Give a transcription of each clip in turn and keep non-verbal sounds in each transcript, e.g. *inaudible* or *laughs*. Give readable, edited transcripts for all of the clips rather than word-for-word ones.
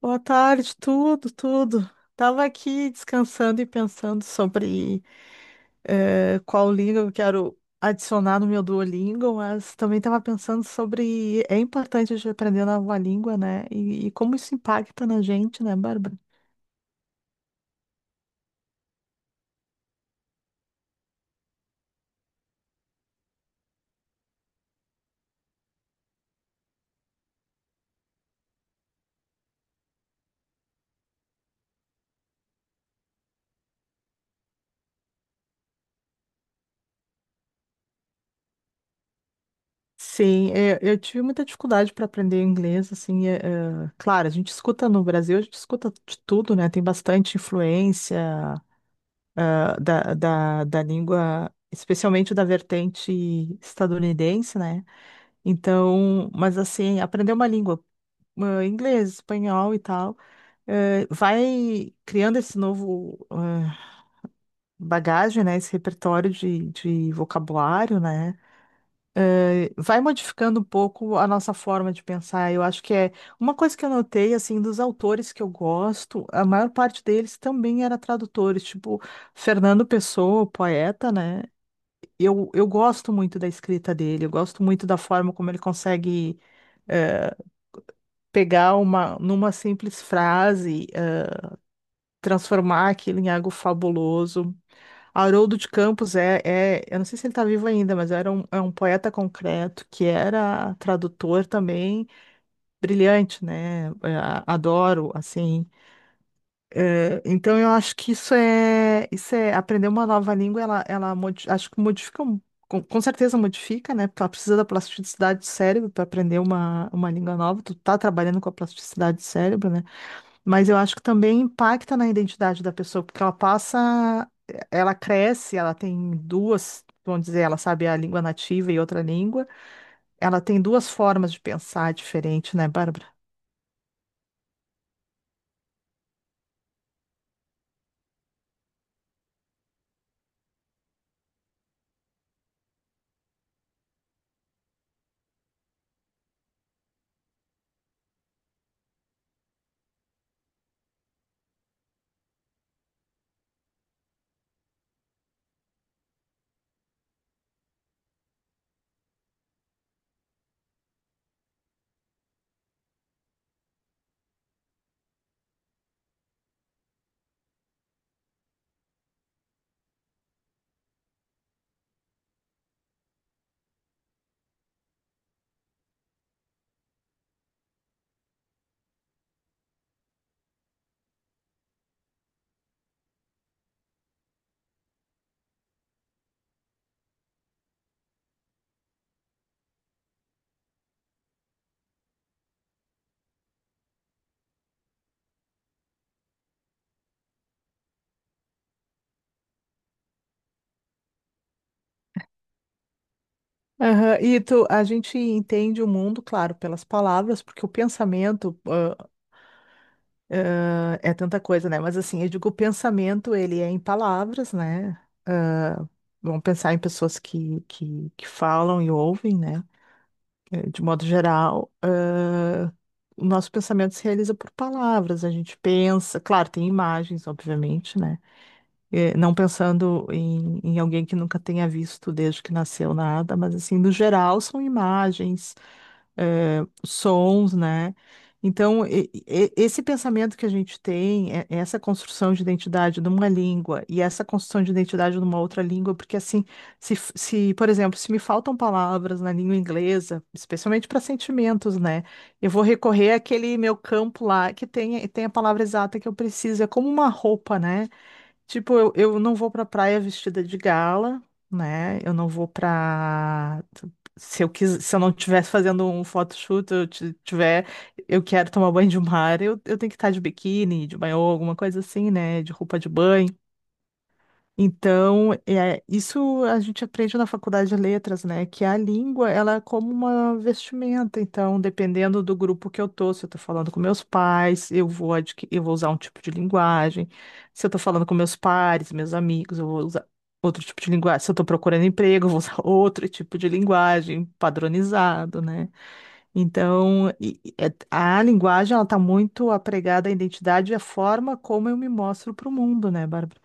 Boa tarde, tudo, tudo. Tava aqui descansando e pensando sobre qual língua eu quero adicionar no meu Duolingo, mas também tava pensando sobre é importante a gente aprender uma nova língua, né? E como isso impacta na gente, né, Bárbara? Sim, tive muita dificuldade para aprender inglês, assim, claro, a gente escuta no Brasil, a gente escuta de tudo, né? Tem bastante influência, da língua, especialmente da vertente estadunidense, né? Então, mas assim, aprender uma língua, inglês, espanhol e tal, vai criando esse novo bagagem, né? Esse repertório de vocabulário, né? Vai modificando um pouco a nossa forma de pensar. Eu acho que é uma coisa que eu notei, assim, dos autores que eu gosto, a maior parte deles também era tradutores, tipo Fernando Pessoa, o poeta, né? Eu gosto muito da escrita dele, eu gosto muito da forma como ele consegue pegar numa simples frase, transformar aquilo em algo fabuloso. Haroldo de Campos é, eu não sei se ele está vivo ainda, mas é um poeta concreto que era tradutor também, brilhante, né? Adoro, assim. É, então eu acho que isso é aprender uma nova língua, ela modi- acho que modifica, com certeza modifica, né? Porque ela precisa da plasticidade do cérebro para aprender uma língua nova, tu tá trabalhando com a plasticidade do cérebro, né? Mas eu acho que também impacta na identidade da pessoa, porque ela passa, ela cresce, ela tem duas, vamos dizer, ela sabe a língua nativa e outra língua, ela tem duas formas de pensar diferente, né, Bárbara? Aham. E tu, a gente entende o mundo, claro, pelas palavras, porque o pensamento é tanta coisa, né? Mas assim, eu digo, o pensamento, ele é em palavras, né? Vamos pensar em pessoas que falam e ouvem, né? De modo geral, o nosso pensamento se realiza por palavras, a gente pensa, claro, tem imagens, obviamente, né? Não pensando em alguém que nunca tenha visto desde que nasceu nada, mas assim, no geral, são imagens sons, né? Então, esse pensamento que a gente tem, é essa construção de identidade numa língua e essa construção de identidade numa outra língua, porque assim, se, por exemplo, se me faltam palavras na língua inglesa, especialmente para sentimentos, né? Eu vou recorrer àquele meu campo lá que tem a palavra exata que eu preciso, é como uma roupa, né? Tipo, eu não vou pra praia vestida de gala, né? Eu não vou pra. Se eu não tivesse fazendo um photoshoot, eu tiver, eu quero tomar banho de mar, eu tenho que estar de biquíni, de banho, alguma coisa assim, né? De roupa de banho. Então, é, isso a gente aprende na faculdade de letras, né? Que a língua, ela é como uma vestimenta. Então, dependendo do grupo que eu tô, se eu tô falando com meus pais, eu vou usar um tipo de linguagem. Se eu tô falando com meus pares, meus amigos, eu vou usar outro tipo de linguagem. Se eu tô procurando emprego, eu vou usar *laughs* outro tipo de linguagem, padronizado, né? Então, a linguagem, ela tá muito apregada à identidade e à forma como eu me mostro para o mundo, né, Bárbara?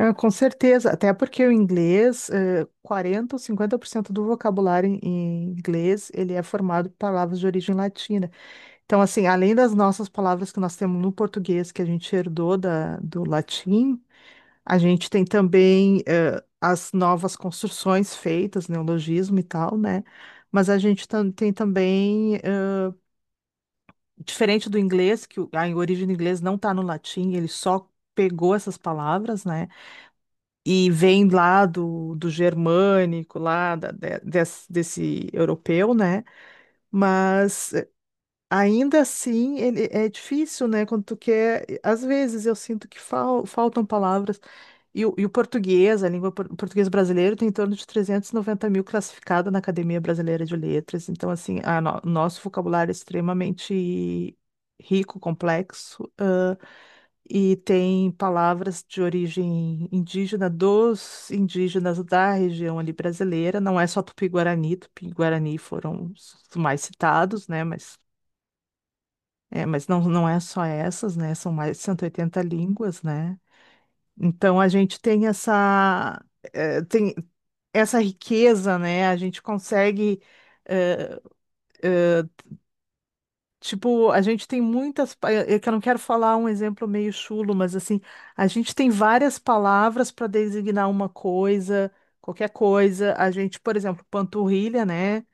Ah, com certeza, até porque o inglês, 40 ou 50% do vocabulário em inglês, ele é formado por palavras de origem latina. Então, assim, além das nossas palavras que nós temos no português, que a gente herdou do latim, a gente tem também, as novas construções feitas, neologismo né? Mas a gente tem também, diferente do inglês, que a origem do inglês não está no latim, ele só pegou essas palavras, né? E vem lá do, do germânico, lá desse, europeu, né? Mas ainda assim, ele é difícil, né? Quando tu quer. Às vezes eu sinto que faltam palavras. E o português, a o português brasileiro, tem em torno de 390 mil classificada na Academia Brasileira de Letras. Então, assim, a nosso vocabulário é extremamente rico, complexo, e tem palavras de origem indígena dos indígenas da região ali brasileira. Não é só Tupi-Guarani, Tupi-Guarani foram os mais citados, né? Mas não é só essas, né? São mais de 180 línguas, né? Então a gente tem eh, tem essa riqueza, né? A gente consegue eh, eh, tipo, a gente tem muitas. É que eu não quero falar um exemplo meio chulo, mas assim, a gente tem várias palavras para designar uma coisa, qualquer coisa. A gente, por exemplo, panturrilha, né?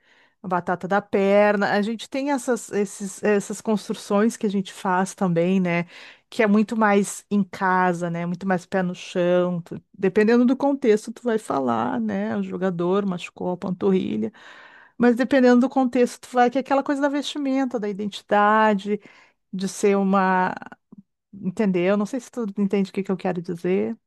A batata da perna. A gente tem essas construções que a gente faz também, né? Que é muito mais em casa, né? Muito mais pé no chão. Dependendo do contexto, tu vai falar, né? O jogador machucou a panturrilha. Mas dependendo do contexto, tu vai que é aquela coisa da vestimenta, da identidade, de ser uma. Entendeu? Não sei se tu entende o que que eu quero dizer.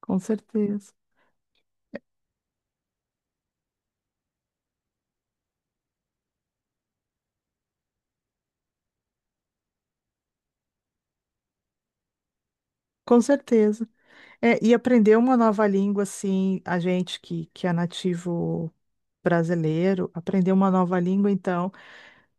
Com certeza. Com certeza. É, e aprender uma nova língua, assim, a gente que é nativo brasileiro, aprender uma nova língua, então,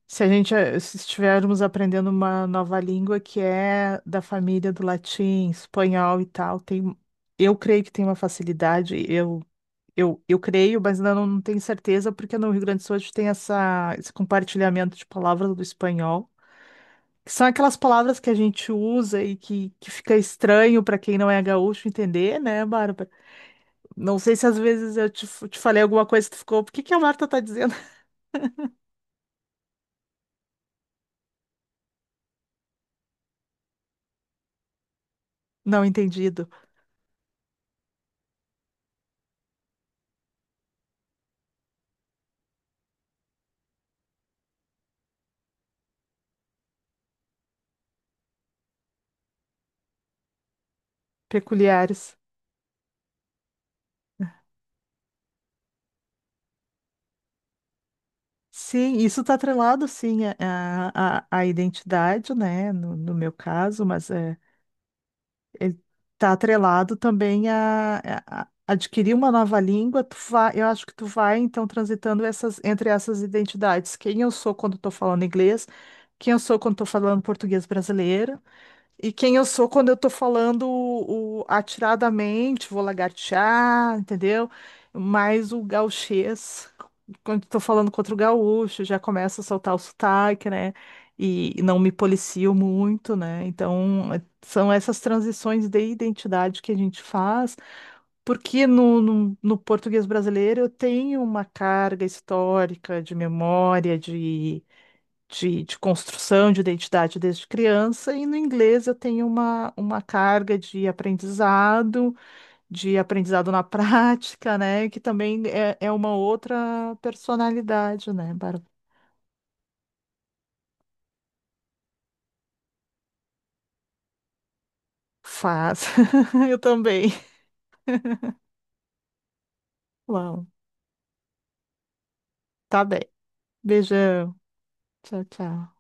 se a gente eh, se estivermos aprendendo uma nova língua que é da família do latim, espanhol e tal, tem, eu creio que tem uma facilidade, eu creio, mas ainda não tenho certeza, porque no Rio Grande do Sul a gente tem esse compartilhamento de palavras do espanhol, que são aquelas palavras que a gente usa e que fica estranho para quem não é gaúcho entender, né, Bárbara? Não sei se às vezes eu te falei alguma coisa que tu ficou, por que que a Marta tá dizendo? *laughs* Não entendido. Peculiares. Sim, isso está atrelado, sim, à identidade, né, no, no meu caso, mas ele está atrelado também a, a adquirir uma nova língua, tu vai, eu acho que tu vai então transitando essas entre essas identidades, quem eu sou quando estou falando inglês, quem eu sou quando estou falando português brasileiro, e quem eu sou quando eu tô falando atiradamente, vou lagartear, entendeu? Mais o gauchês, quando tô falando contra o gaúcho, já começa a soltar o sotaque, né? E não me policio muito, né? Então, são essas transições de identidade que a gente faz, porque no português brasileiro eu tenho uma carga histórica de memória, de construção de identidade desde criança, e no inglês eu tenho uma carga de aprendizado na *laughs* prática, né? Que também é uma outra personalidade, né, Bárbara? Faz. *laughs* Eu também. Uau. Tá bem. Beijão. Tchau, tchau.